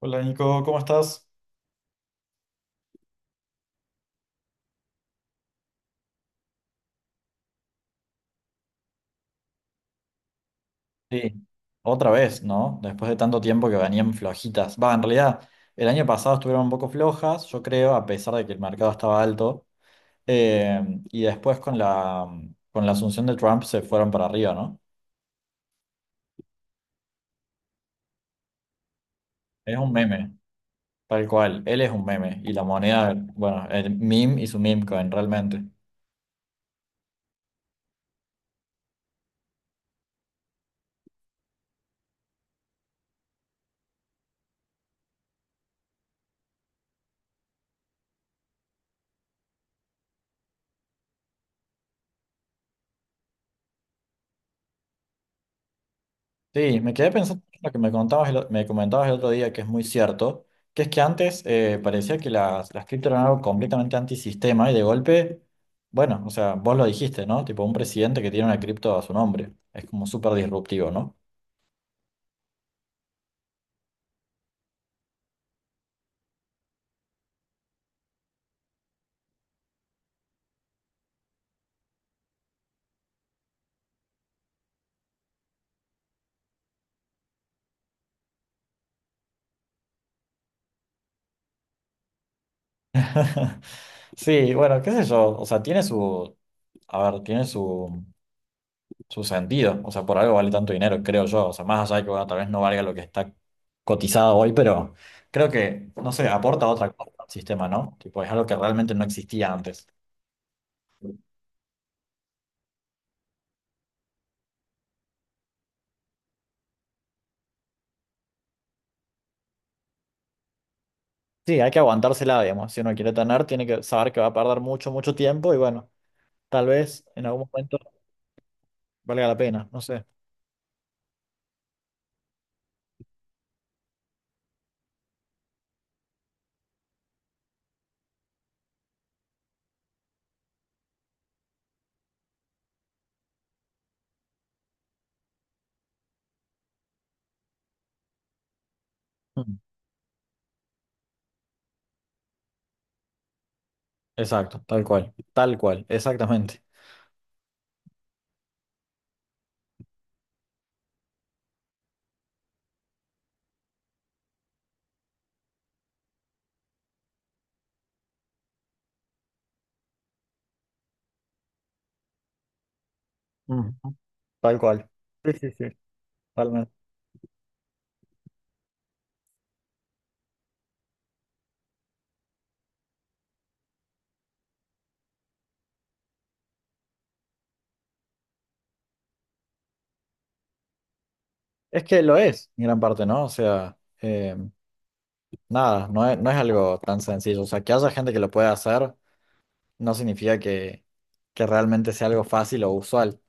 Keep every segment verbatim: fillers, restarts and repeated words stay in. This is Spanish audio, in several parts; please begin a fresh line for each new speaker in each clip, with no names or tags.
Hola Nico, ¿cómo estás? Sí, otra vez, ¿no? Después de tanto tiempo que venían flojitas. Va, en realidad, el año pasado estuvieron un poco flojas, yo creo, a pesar de que el mercado estaba alto. Eh, y después con la, con la asunción de Trump se fueron para arriba, ¿no? Es un meme, tal cual. Él es un meme. Y la moneda, bueno, el meme y su meme coin, realmente. Sí, me quedé pensando en lo que me contabas el, o- me comentabas el otro día, que es muy cierto, que es que antes eh, parecía que las, las cripto eran algo completamente antisistema y de golpe, bueno, o sea, vos lo dijiste, ¿no? Tipo un presidente que tiene una cripto a su nombre. Es como súper disruptivo, ¿no? Sí, bueno, qué sé yo, o sea, tiene su, a ver, tiene su, su sentido. O sea, por algo vale tanto dinero, creo yo. O sea, más allá de que, bueno, tal vez no valga lo que está cotizado hoy, pero creo que, no sé, aporta otra cosa al sistema, ¿no? Tipo, es algo que realmente no existía antes. Sí, hay que aguantársela, digamos. Si uno quiere tener, tiene que saber que va a perder mucho, mucho tiempo y bueno, tal vez en algún momento valga la pena, no sé. Mm. Exacto, tal cual, tal cual, exactamente. Ujú, tal cual. Sí, sí, sí. Totalmente. Es que lo es, en gran parte, ¿no? O sea, eh, nada, no es, no es algo tan sencillo. O sea, que haya gente que lo pueda hacer no significa que, que realmente sea algo fácil o usual.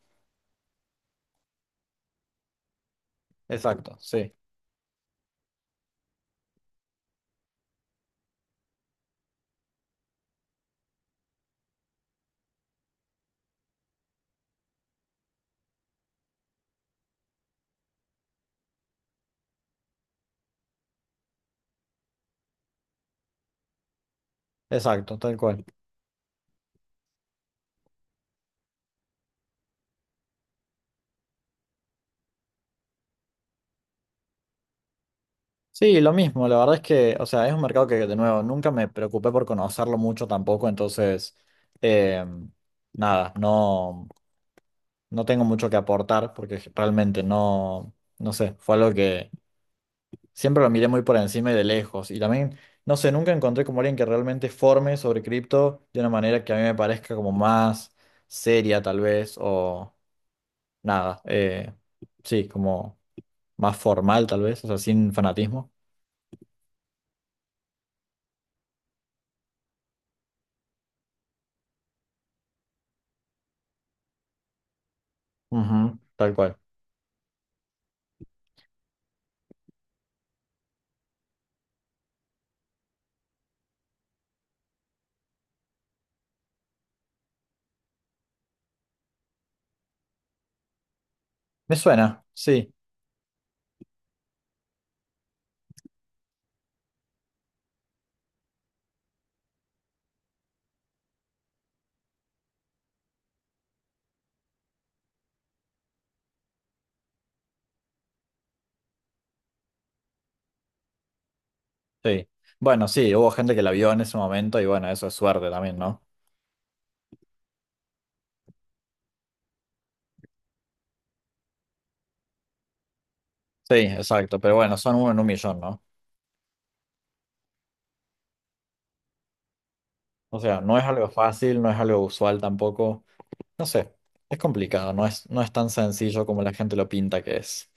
Exacto, sí. Exacto, tal cual. Sí, lo mismo, la verdad es que, o sea, es un mercado que, de nuevo, nunca me preocupé por conocerlo mucho tampoco, entonces, eh, nada, no, no tengo mucho que aportar porque realmente no, no sé, fue algo que siempre lo miré muy por encima y de lejos, y también, no sé, nunca encontré como alguien que realmente forme sobre cripto de una manera que a mí me parezca como más seria tal vez, o nada, eh, sí, como más formal tal vez, o sea, sin fanatismo, ujú, tal cual. Me suena, sí, sí. Bueno, sí, hubo gente que la vio en ese momento y bueno, eso es suerte también, ¿no? Sí, exacto, pero bueno, son uno en un millón, ¿no? O sea, no es algo fácil, no es algo usual tampoco. No sé, es complicado, no es, no es tan sencillo como la gente lo pinta que es.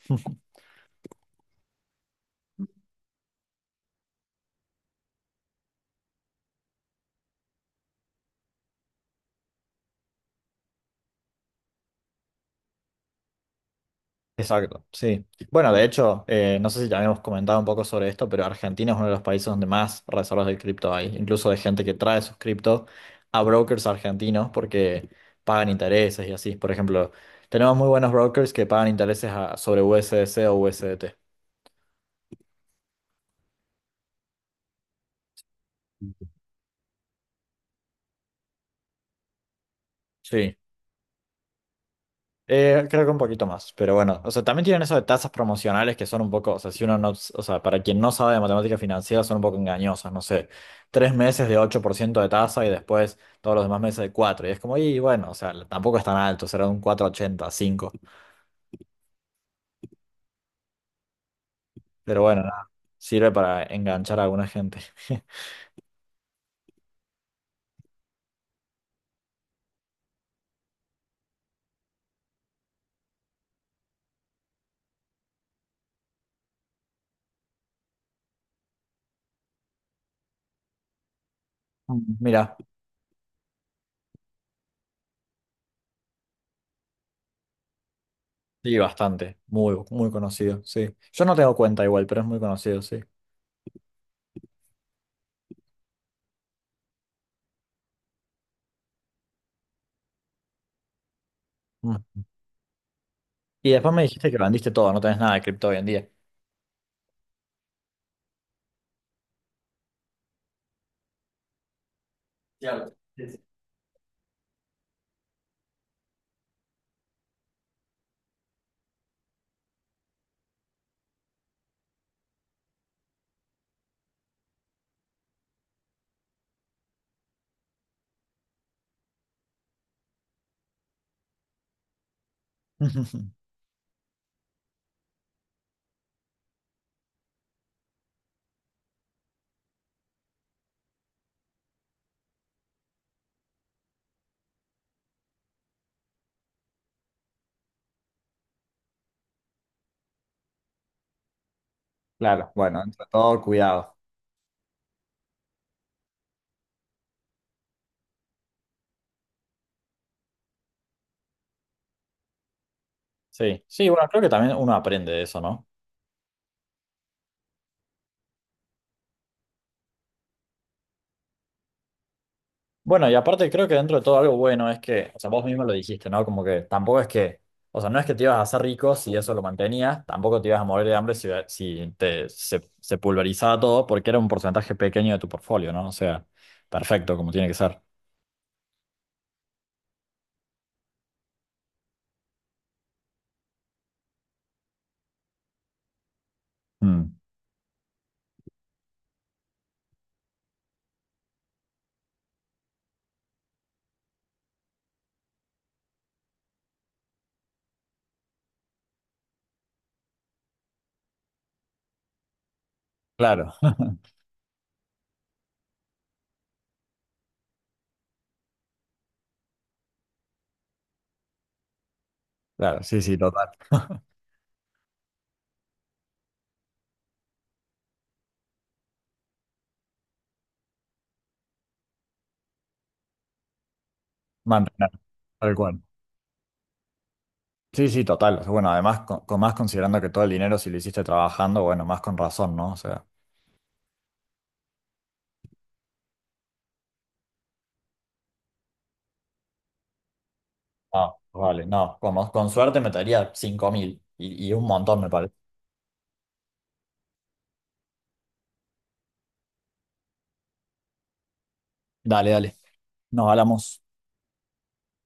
Exacto, sí. Bueno, de hecho, eh, no sé si ya habíamos comentado un poco sobre esto, pero Argentina es uno de los países donde más reservas de cripto hay, incluso de gente que trae sus criptos a brokers argentinos porque pagan intereses y así. Por ejemplo, tenemos muy buenos brokers que pagan intereses a- sobre U S D C o U S D T. Sí. Eh, creo que un poquito más, pero bueno, o sea, también tienen eso de tasas promocionales que son un poco, o sea, si uno no, o sea, para quien no sabe de matemática financiera son un poco engañosas, no sé, tres meses de ocho por ciento de tasa y después todos los demás meses de cuatro y es como, y bueno, o sea, tampoco es tan alto, será un cuatro coma ochenta cinco, pero bueno, nada, sirve para enganchar a alguna gente. Mm, Mira, sí, bastante, muy, muy conocido, sí. Yo no tengo cuenta igual, pero es muy conocido, sí. Mm. Y después me dijiste que vendiste todo, no tenés nada de cripto hoy en día. Claro. Sí, sí. Claro, bueno, entre todo, cuidado. Sí, sí, bueno, creo que también uno aprende de eso, ¿no? Bueno, y aparte creo que dentro de todo algo bueno es que, o sea, vos mismo lo dijiste, ¿no? Como que tampoco es que, o sea, no es que te ibas a hacer rico si eso lo mantenías, tampoco te ibas a morir de hambre si, si te, se, se pulverizaba todo, porque era un porcentaje pequeño de tu portfolio, ¿no? O sea, perfecto, como tiene que ser. Mm, claro, claro, sí, sí, total. Mantener, tal cual. Sí, sí, total. Bueno, además, con, con más considerando que todo el dinero si lo hiciste trabajando, bueno, más con razón, ¿no? O sea, no, vale, no, como, con suerte metería cinco mil y, y un montón, me parece. Dale, dale. Nos hablamos.